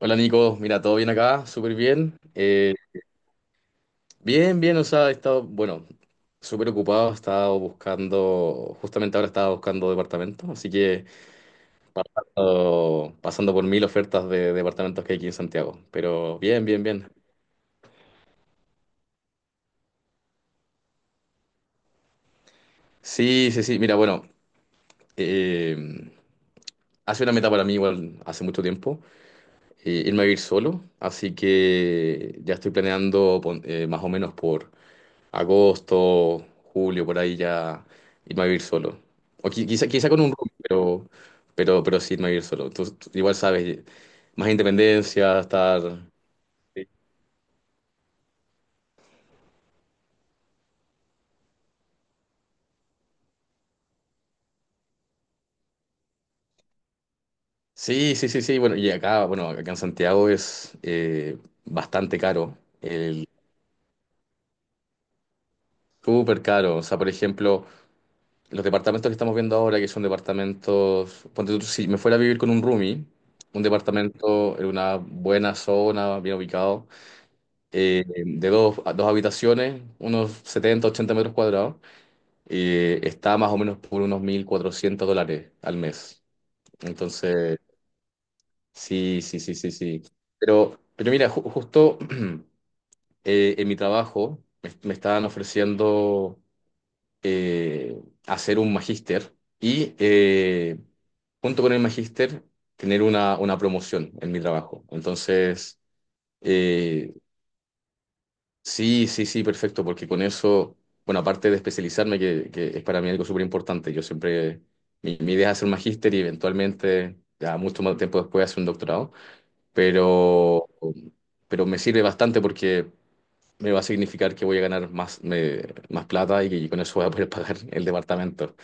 Hola Nico, mira, todo bien acá, súper bien. Bien, o sea, he estado, bueno, súper ocupado, he estado buscando, justamente ahora estaba buscando departamento, así que he estado pasando por mil ofertas de departamentos que hay aquí en Santiago, pero bien, bien. Sí, sí, sí, mira, bueno, eh, hace una meta para mí igual hace mucho tiempo, irme a vivir solo, así que ya estoy planeando más o menos por... agosto, julio, por ahí ya irme a vivir solo. O quizá con un roomie, pero, pero sí irme a vivir solo. Tú igual sabes, más independencia, estar... Sí, sí, sí, sí. Bueno, y acá, bueno, acá en Santiago es bastante caro, el súper caro. O sea, por ejemplo, los departamentos que estamos viendo ahora, que son departamentos, ponte tú, si me fuera a vivir con un roomie, un departamento en una buena zona, bien ubicado, de dos, a dos habitaciones, unos 70 80 metros cuadrados, está más o menos por unos $1.400 al mes. Entonces, sí, sí, sí, sí, sí. Pero mira, justo en mi trabajo me estaban ofreciendo eh, hacer un magíster y junto con el magíster tener una promoción en mi trabajo. Entonces... eh, Sí, sí, sí, perfecto, porque con eso, bueno, aparte de especializarme, que es para mí algo súper importante, yo siempre, mi idea es hacer un magíster y eventualmente, ya mucho más tiempo después, hacer un doctorado, pero, pero me sirve bastante porque me va a significar que voy a ganar más, más plata y, que con eso voy a poder pagar el departamento.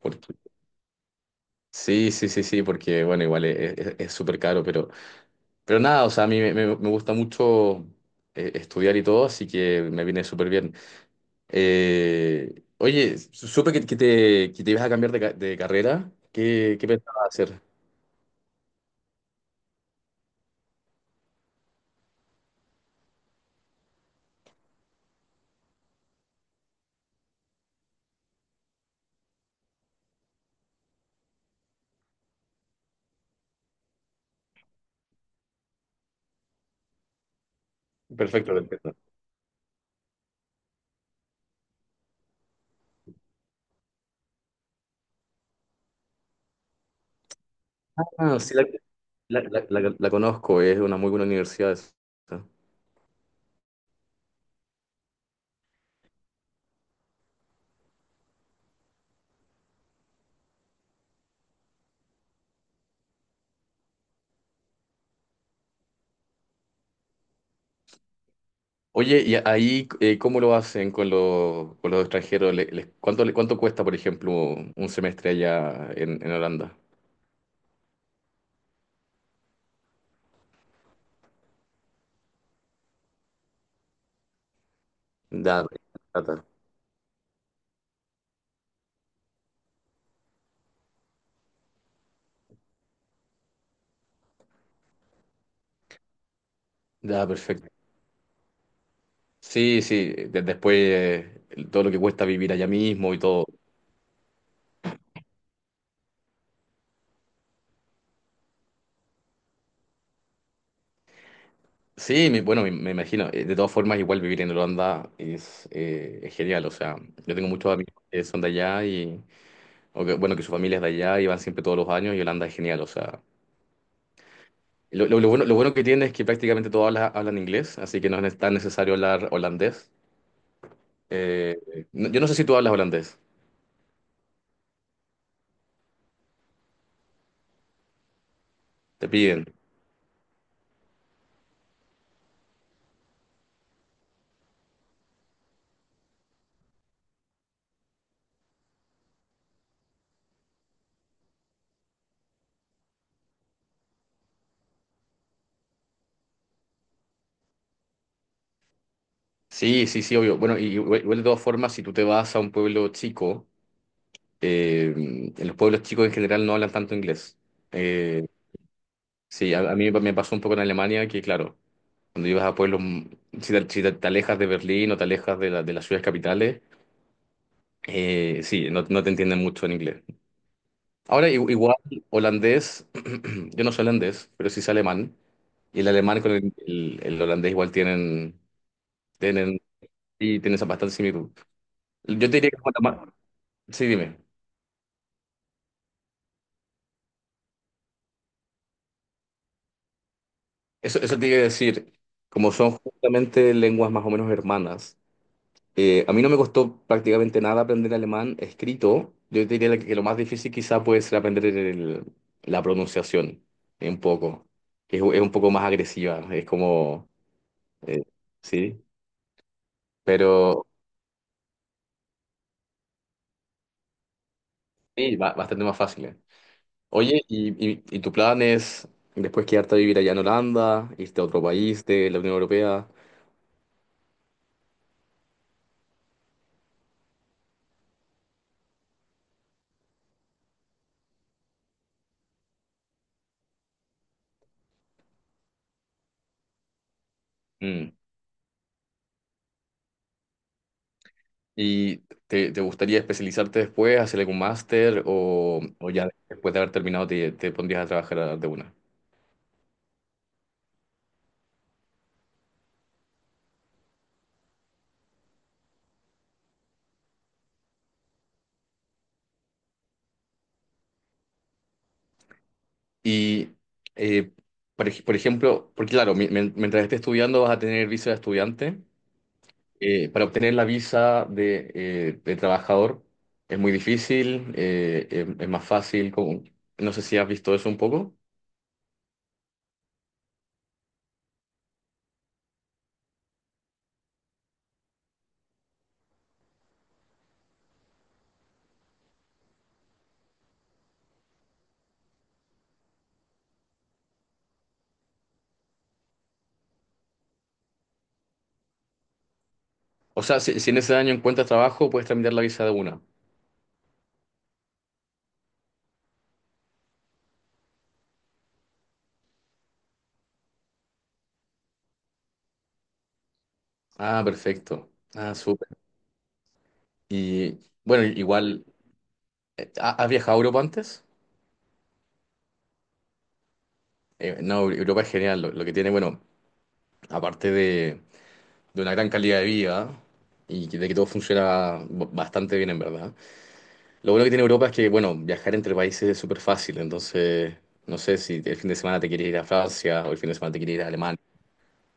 Porque, sí, sí, sí, sí, porque, bueno, igual es es súper caro, pero nada, o sea, a mí me gusta mucho estudiar y todo, así que me viene súper bien. Oye, supe que, que te ibas a cambiar de, de carrera. Qué pensabas hacer? Perfecto, perfecto. Ah, sí, la- la conozco, es una muy buena universidad esa. Oye, ¿y ahí cómo lo hacen con los extranjeros? Cuánto, cuánto cuesta, por ejemplo, un semestre allá en Holanda? Da, da, Da, perfecto. Sí, sí, después todo lo que cuesta vivir allá mismo y todo. Sí, bueno, me imagino. De todas formas, igual vivir en Holanda es genial. O sea, yo tengo muchos amigos que son de allá y, o bueno, que su familia es de allá y van siempre todos los años y Holanda es genial. O sea, lo bueno, lo bueno que tiene es que prácticamente todos hablan inglés, así que no es tan necesario hablar holandés. Eh, yo no sé si tú hablas holandés, te piden. Sí, sí, sí, obvio. Bueno, y igual de todas formas, si tú te vas a un pueblo chico, eh, en los pueblos chicos en general no hablan tanto inglés. Eh, Sí, a mí me pasó un poco en Alemania que, claro, cuando ibas a pueblos, si te, te alejas de Berlín o te alejas de, de las ciudades capitales, sí, no, no te entienden mucho en inglés. Ahora, igual, holandés, yo no soy holandés, pero sí sé alemán, y el alemán con el, el holandés igual tienen, tienen, y tienen esa bastante similitud. Yo te diría que, como sí, dime, eso te iba a decir, como son justamente lenguas más o menos hermanas. A mí no me costó prácticamente nada aprender alemán escrito. Yo diría que lo más difícil quizá puede ser aprender la pronunciación, un poco, es un poco más agresiva, es como, eh, sí, pero sí, bastante más fácil. Oye, y tu plan es después quedarte a vivir allá en Holanda, irte a otro país de la Unión Europea? Mm. ¿Y te gustaría especializarte después, hacer algún máster o ya después de haber terminado te pondrías a trabajar de una? Y, eh, por, por ejemplo, porque claro, mientras estés estudiando vas a tener visa de estudiante. Para obtener la visa de trabajador es muy difícil, es más fácil. No sé si has visto eso un poco. O sea, si, si en ese año encuentras trabajo, puedes tramitar la visa de una. Ah, perfecto. Ah, súper. Y bueno, igual, has viajado a Europa antes? No, Europa es genial. Lo que tiene, bueno, aparte de una gran calidad de vida y de que todo funciona bastante bien en verdad. Lo bueno que tiene Europa es que, bueno, viajar entre países es súper fácil, entonces no sé si el fin de semana te quieres ir a Francia o el fin de semana te quieres ir a Alemania,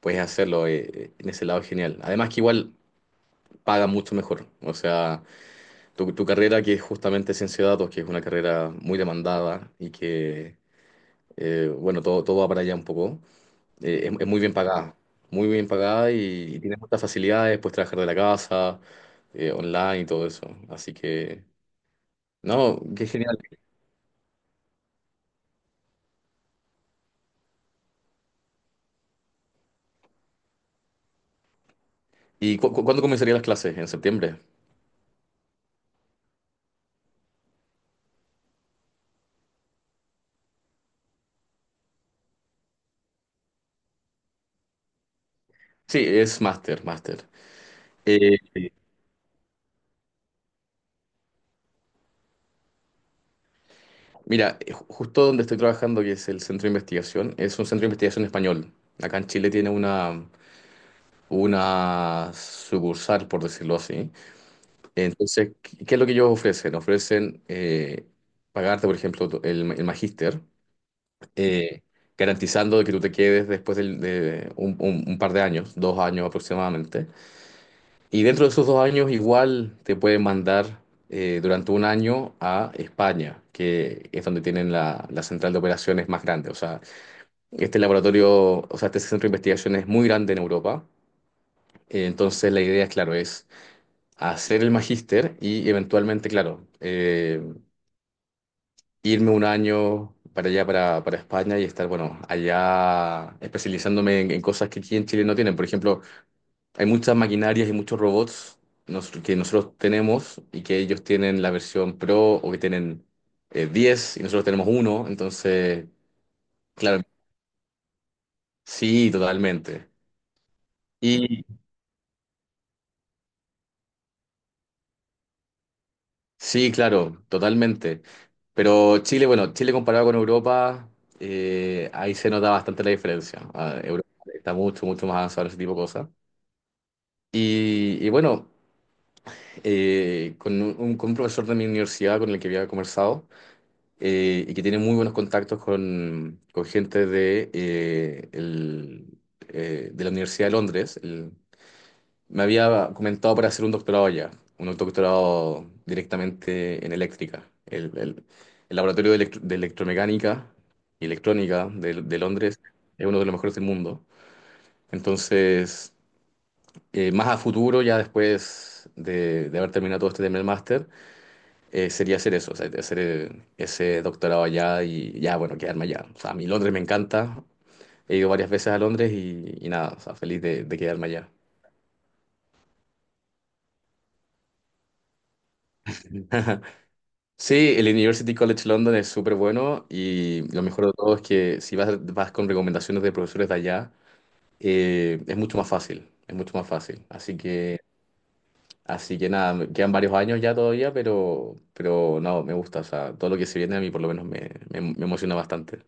puedes hacerlo, en ese lado es genial. Además que igual paga mucho mejor, o sea, tu carrera que es justamente ciencia de datos, que es una carrera muy demandada y que, bueno, todo, todo va para allá un poco. Es muy bien pagada y tiene muchas facilidades, puedes trabajar de la casa, online y todo eso. Así que, no, qué genial. ¿Y cuándo comenzarían las clases? ¿En septiembre? Sí, es máster, máster. Eh, mira, justo donde estoy trabajando, que es el centro de investigación, es un centro de investigación español. Acá en Chile tiene una sucursal, por decirlo así. Entonces, ¿qué qué es lo que ellos ofrecen? Ofrecen pagarte, por ejemplo, el magíster. Eh, garantizando de que tú te quedes después de un, un par de años, 2 años aproximadamente. Y dentro de esos dos años igual te pueden mandar durante 1 año a España, que es donde tienen la, la central de operaciones más grande. O sea, este laboratorio, o sea, este centro de investigación es muy grande en Europa. Entonces la idea, claro, es hacer el magíster y eventualmente, claro, irme 1 año para allá, para España y estar, bueno, allá especializándome en cosas que aquí en Chile no tienen. Por ejemplo, hay muchas maquinarias y muchos robots que nosotros tenemos y que ellos tienen la versión Pro o que tienen 10 y nosotros tenemos uno. Entonces, claro, sí, totalmente. Y sí, claro, totalmente. Pero Chile, bueno, Chile comparado con Europa, ahí se nota bastante la diferencia. Ah, Europa está mucho, mucho más avanzado en ese tipo de cosas. Y bueno, con un, con un profesor de mi universidad con el que había conversado y que tiene muy buenos contactos con gente de, el, de la Universidad de Londres, me había comentado para hacer un doctorado allá, un doctorado directamente en eléctrica. El laboratorio de, de electromecánica y electrónica de Londres es uno de los mejores del mundo. Entonces... más a futuro, ya después de haber terminado todo este tema del máster, sería hacer eso, o sea, hacer ese doctorado allá y ya, bueno, quedarme allá. O sea, a mí Londres me encanta, he ido varias veces a Londres y nada, o sea, feliz de quedarme allá. Sí, el University College London es súper bueno y lo mejor de todo es que si vas, vas con recomendaciones de profesores de allá, es mucho más fácil, es mucho más fácil. Así que nada, me quedan varios años ya todavía, pero no, me gusta. O sea, todo lo que se viene a mí por lo menos me emociona bastante.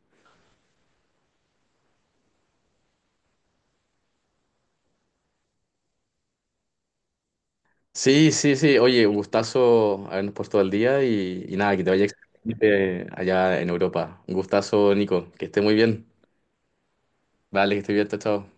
Sí, sí, sí. Oye, un gustazo habernos puesto al día y nada, que te vaya excelente allá en Europa. Un gustazo, Nico. Que esté muy bien. Vale, que esté bien, chao, chao.